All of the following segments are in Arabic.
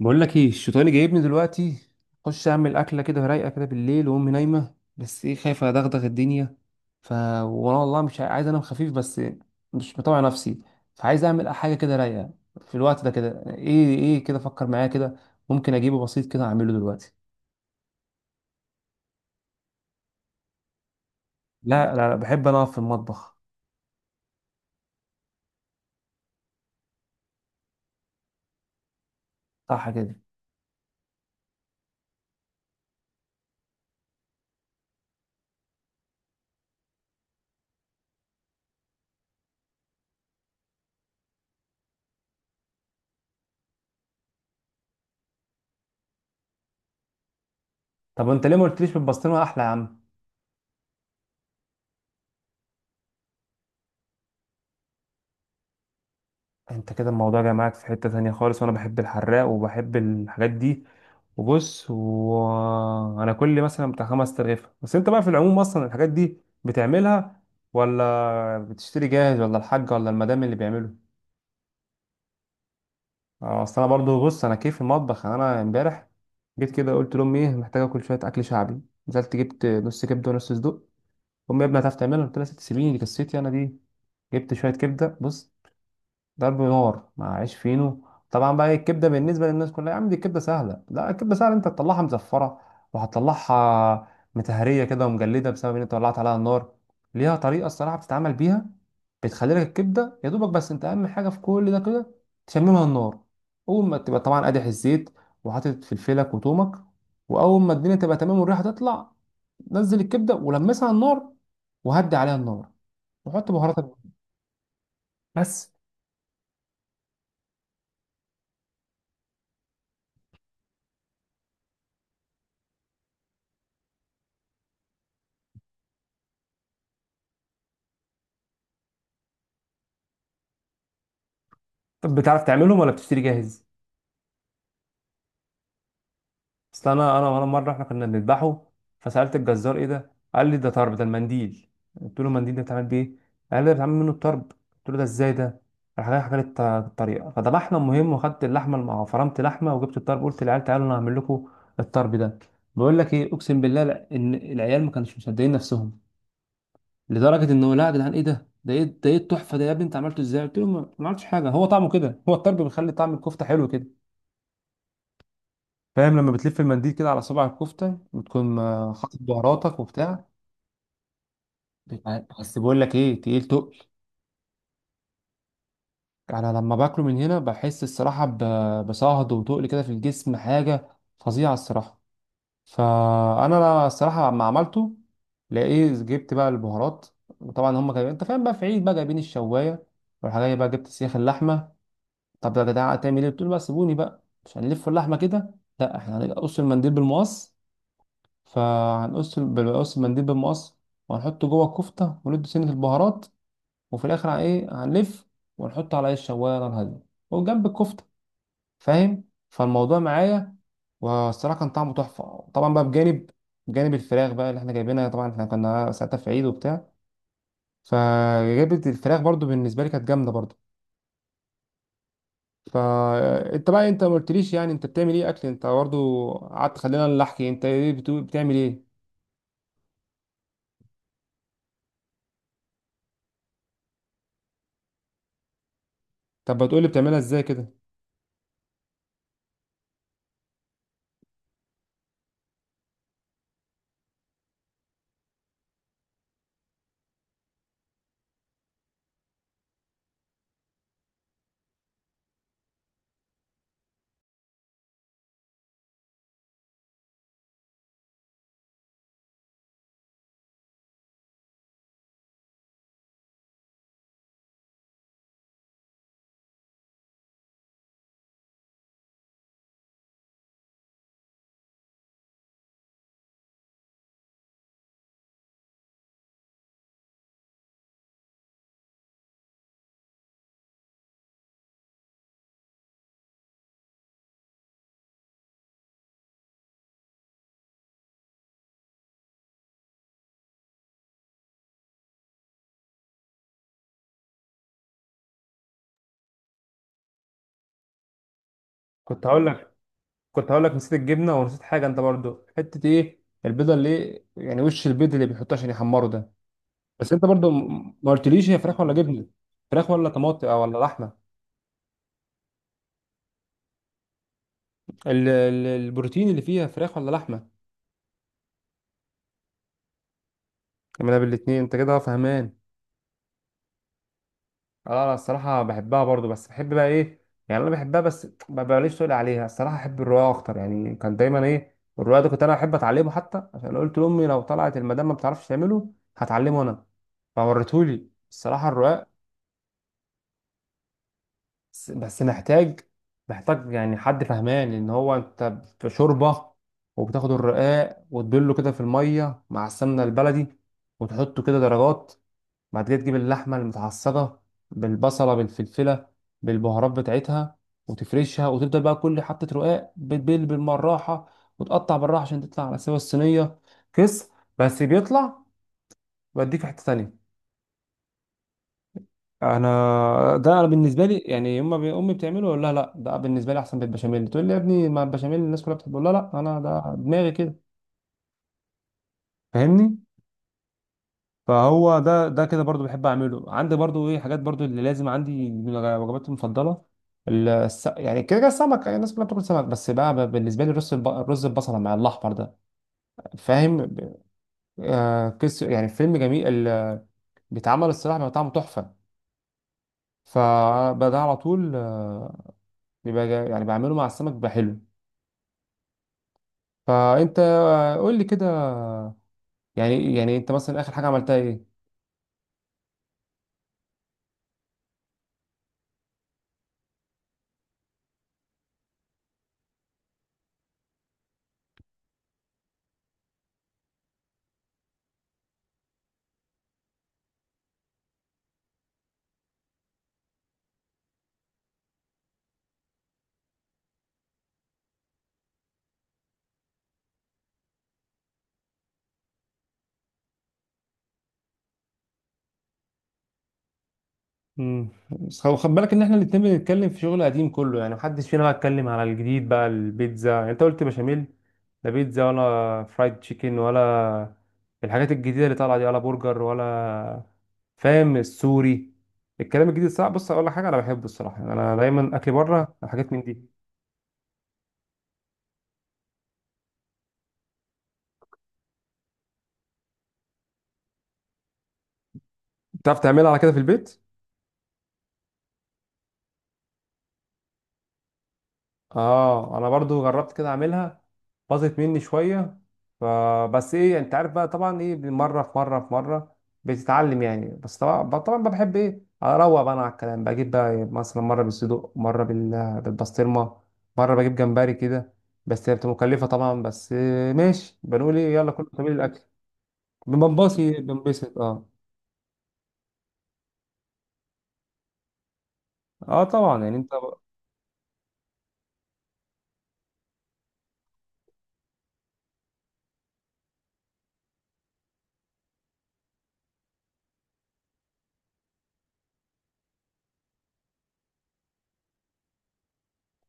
بقول لك ايه الشيطان جايبني دلوقتي. اخش اعمل اكله كده رايقه كده بالليل وامي نايمه، بس ايه خايفه ادغدغ الدنيا. ف وانا والله مش عايز انام خفيف، بس مش مطوع نفسي. فعايز اعمل حاجه كده رايقه في الوقت ده كده، ايه كده، فكر معايا كده. ممكن اجيبه بسيط كده اعمله دلوقتي؟ لا، بحب انا اقف في المطبخ. صح كده. طب انت ليه ما قلتليش بالبسطرمه احلى يا عم؟ انت كده الموضوع جاي معاك في حتة تانية خالص، وانا بحب الحراق وبحب الحاجات دي. وبص، وانا كل مثلا بتاع 5 ترغيفة بس. انت بقى في العموم اصلا الحاجات دي بتعملها ولا بتشتري جاهز، ولا ولا المدام اللي بيعمله؟ اه، اصل انا برضو بص، انا كيف المطبخ. يعني انا امبارح جيت كده، قلت لامي: ايه، محتاجه اكل شويه اكل شعبي. نزلت جبت نص كبده ونص صدوق. امي: يا ابني هتعرف تعملها؟ قلت لها: ست سيبيني، دي قصتي انا دي. جبت شويه كبده بص، ضرب نار مع عيش فينو. طبعا بقى إيه، الكبده بالنسبه للناس كلها يا عم، دي الكبده سهله. لا، الكبده سهله انت تطلعها مزفره، وهتطلعها متهريه كده ومجلده، بسبب ان انت ولعت عليها النار. ليها طريقه الصراحه بتتعمل بيها، بتخلي لك الكبده يا دوبك. بس انت اهم حاجه في كل ده كده، تشممها النار. اول ما تبقى طبعا قادح الزيت، وحاطط فلفلك وتومك، واول ما الدنيا تبقى تمام والريحه تطلع، نزل الكبده ولمسها على النار، وهدي عليها النار، وحط بهاراتك. بس. طب بتعرف تعملهم ولا بتشتري جاهز؟ اصل انا مره احنا كنا بنذبحه، فسالت الجزار: ايه ده؟ قال لي: ده طرب، ده المنديل. قلت له: المنديل ده بيتعمل بيه؟ قال لي: ده بيتعمل منه الطرب. قلت له: ده ازاي ده؟ راح جاي حكى لي الطريقه. فذبحنا المهم، وخدت اللحمه فرمت لحمه، وجبت الطرب. قلت للعيال: تعالوا انا هعمل لكم الطرب ده. بقول لك ايه، اقسم بالله، لا ان العيال ما كانوش مصدقين نفسهم، لدرجه ان هو: لا يا جدعان ايه ده، ده ايه التحفه ده، يا ابني انت عملته ازاي؟ قلت له: ما عملتش حاجه، هو طعمه كده، هو الطرب بيخلي طعم الكفته حلو كده. فاهم؟ لما بتلف المنديل كده على صباع الكفته، وتكون حاطط بهاراتك وبتاع. بس بقول لك ايه، تقيل تقل. انا لما باكله من هنا بحس الصراحه بصهد وتقل كده في الجسم، حاجه فظيعه الصراحه. فانا الصراحه لما عملته، لقيت جبت بقى البهارات، وطبعا هم كانوا انت فاهم بقى في عيد، بقى جايبين الشوايه والحاجه، بقى جبت سيخ اللحمه. طب يا جدعان هتعمل ايه؟ بتقول بقى: سيبوني بقى، مش هنلف اللحمه كده، لا احنا هنقص المنديل بالمقص. فهنقص بنقص المنديل بالمقص، وهنحطه جوه الكفتة، وندي سنة البهارات، وفي الآخر إيه هنلف، ونحطه على إيه الشواية نار هادية، وجنب الكفتة، فاهم؟ فالموضوع معايا، والصراحة كان طعمه تحفة. طبعا بقى بجانب الفراخ بقى اللي احنا جايبينها، طبعا احنا كنا ساعتها في عيد وبتاع، فجابت الفراخ برضو، بالنسبة لي كانت جامدة برضو. فانت بقى، انت ما قلتليش يعني انت بتعمل ايه اكل؟ انت برضو قعدت، خلينا نحكي انت ايه بتعمل ايه. طب بتقولي بتعملها ازاي كده؟ كنت هقول لك، كنت هقول لك نسيت الجبنه، ونسيت حاجه انت برضو حته ايه البيضه اللي يعني وش البيض اللي بيحطوه عشان يحمره ده. بس انت برضو ما قلتليش هي فراخ ولا جبنه؟ فراخ ولا طماطم آه، ولا لحمه؟ البروتين اللي فيها فراخ ولا لحمه؟ ما انا بالاتنين، انت كده فهمان. اه انا الصراحه بحبها برضو، بس بحب بقى ايه، يعني انا بحبها، بس ما بقاليش تقول عليها. الصراحه احب الرقاق اكتر، يعني كان دايما ايه الرقاق ده كنت انا احب اتعلمه، حتى عشان قلت لامي لو طلعت المدام ما بتعرفش تعمله هتعلمه انا. فورتهولي الصراحه الرقاق. بس محتاج، محتاج يعني حد فهمان ان هو انت في شوربه، وبتاخد الرقاق وتبله كده في الميه مع السمنه البلدي، وتحطه كده درجات. بعد كده تجيب اللحمه المتعصجه بالبصله بالفلفله بالبهارات بتاعتها، وتفرشها، وتبدا بقى كل حته رقاق بتبل بالمراحه، وتقطع بالراحه عشان تطلع على سوا الصينيه. كس، بس بيطلع بديك في حته تانية. انا ده انا بالنسبه لي يعني يما امي بتعمله، اقول لها: لا، ده بالنسبه لي احسن بالبشاميل. تقول لي: يا ابني ما البشاميل الناس كلها بتحبه. لا لا، انا ده دماغي كده، فاهمني؟ فهو ده كده برضو بحب اعمله عندي، برضو ايه حاجات برضو اللي لازم عندي من وجباتي المفضله. يعني كده كده السمك، يعني الناس كلها بتاكل سمك، بس بقى بالنسبه لي الرز الرز البصله مع الاحمر ده، فاهم آه يعني فيلم جميل بيتعمل الصراحه بيبقى طعمه تحفه. فده على طول آه، بيبقى يعني بعمله مع السمك بيبقى حلو. فانت قول لي كده، يعني انت مثلا اخر حاجه عملتها ايه؟ بس خد بالك ان احنا الاتنين بنتكلم في شغل قديم كله، يعني محدش فينا بقى اتكلم على الجديد. بقى البيتزا، يعني انت قلت بشاميل، لا بيتزا، ولا فرايد تشيكن، ولا الحاجات الجديده اللي طالعه دي، ولا برجر، ولا فاهم السوري. الكلام الجديد صعب. بص اقول لك حاجه، انا بحبه الصراحه، يعني انا دايما اكل بره حاجات من دي. بتعرف تعملها على كده في البيت؟ اه انا برضو جربت كده اعملها، باظت مني شويه. فبس ايه، انت عارف بقى طبعا ايه، مره بتتعلم يعني. بس طبعا بقى، بحب ايه اروق بقى، انا على الكلام بجيب بقى إيه، مثلا مره بالصدوق، مره بالبسطرمه، مره بجيب جمبري كده. بس هي بتبقى مكلفه طبعا، بس إيه ماشي، بنقول ايه، يلا كل سبيل الاكل. بنبسط، بنبسط اه. اه طبعا يعني انت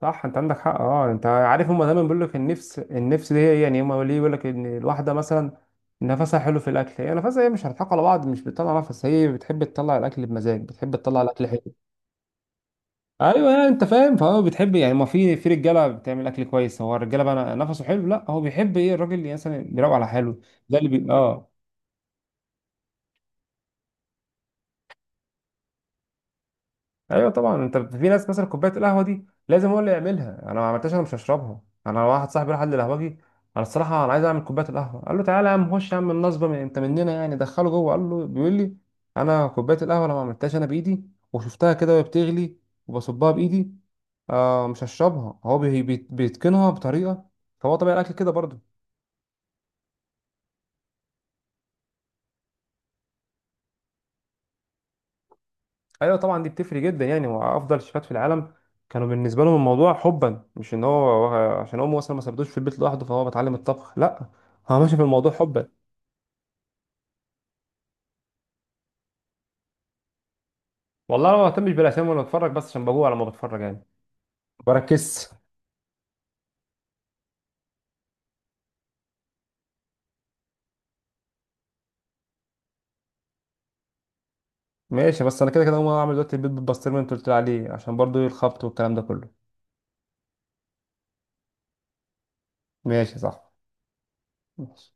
صح، انت عندك حق. اه انت عارف هما دايما بيقول لك النفس، النفس دي هي يعني هما ليه بيقول لك ان الواحده مثلا نفسها حلو في الاكل، هي نفسها هي مش هنضحك على بعض، مش بتطلع نفس، هي بتحب تطلع الاكل بمزاج، بتحب تطلع الاكل حلو. ايوه، يعني انت فاهم، فهو بتحب يعني ما في رجاله بتعمل اكل كويس، هو الرجاله بقى نفسه حلو. لا، هو بيحب ايه الراجل اللي مثلا بيروق على حاله. ده اه ايوه طبعا، انت في ناس مثلا كوبايه القهوه دي لازم هو اللي يعملها، انا ما عملتهاش انا مش هشربها. انا واحد صاحبي راح قال لي القهوجي، انا الصراحه انا عايز اعمل كوبايه القهوه. قال له: تعالى يا عم، خش يا عم النصبه، من انت مننا يعني، دخله جوه، قال له بيقول لي: انا كوبايه القهوه انا ما عملتهاش انا بايدي، وشفتها كده وهي بتغلي، وبصبها بايدي، آه مش هشربها. هو بيتقنها بطريقه، فهو طبيعي الاكل كده برضه. ايوه طبعا دي بتفرق جدا. يعني هو افضل شيفات في العالم كانوا بالنسبه لهم الموضوع حبا، مش ان هو عشان امه مثلا ما سابتوش في البيت لوحده فهو بتعلم الطبخ، لا، هو ماشي في الموضوع حبا. والله انا ما بهتمش بالاسامي، وانا بتفرج بس عشان بجوع لما بتفرج يعني، بركز. ماشي، بس انا كده كده هقوم اعمل دلوقتي البيض بالبسطرمه اللي انت قلت لي عليه، عشان برضو الخبط والكلام ده كله. ماشي صح. ماشي.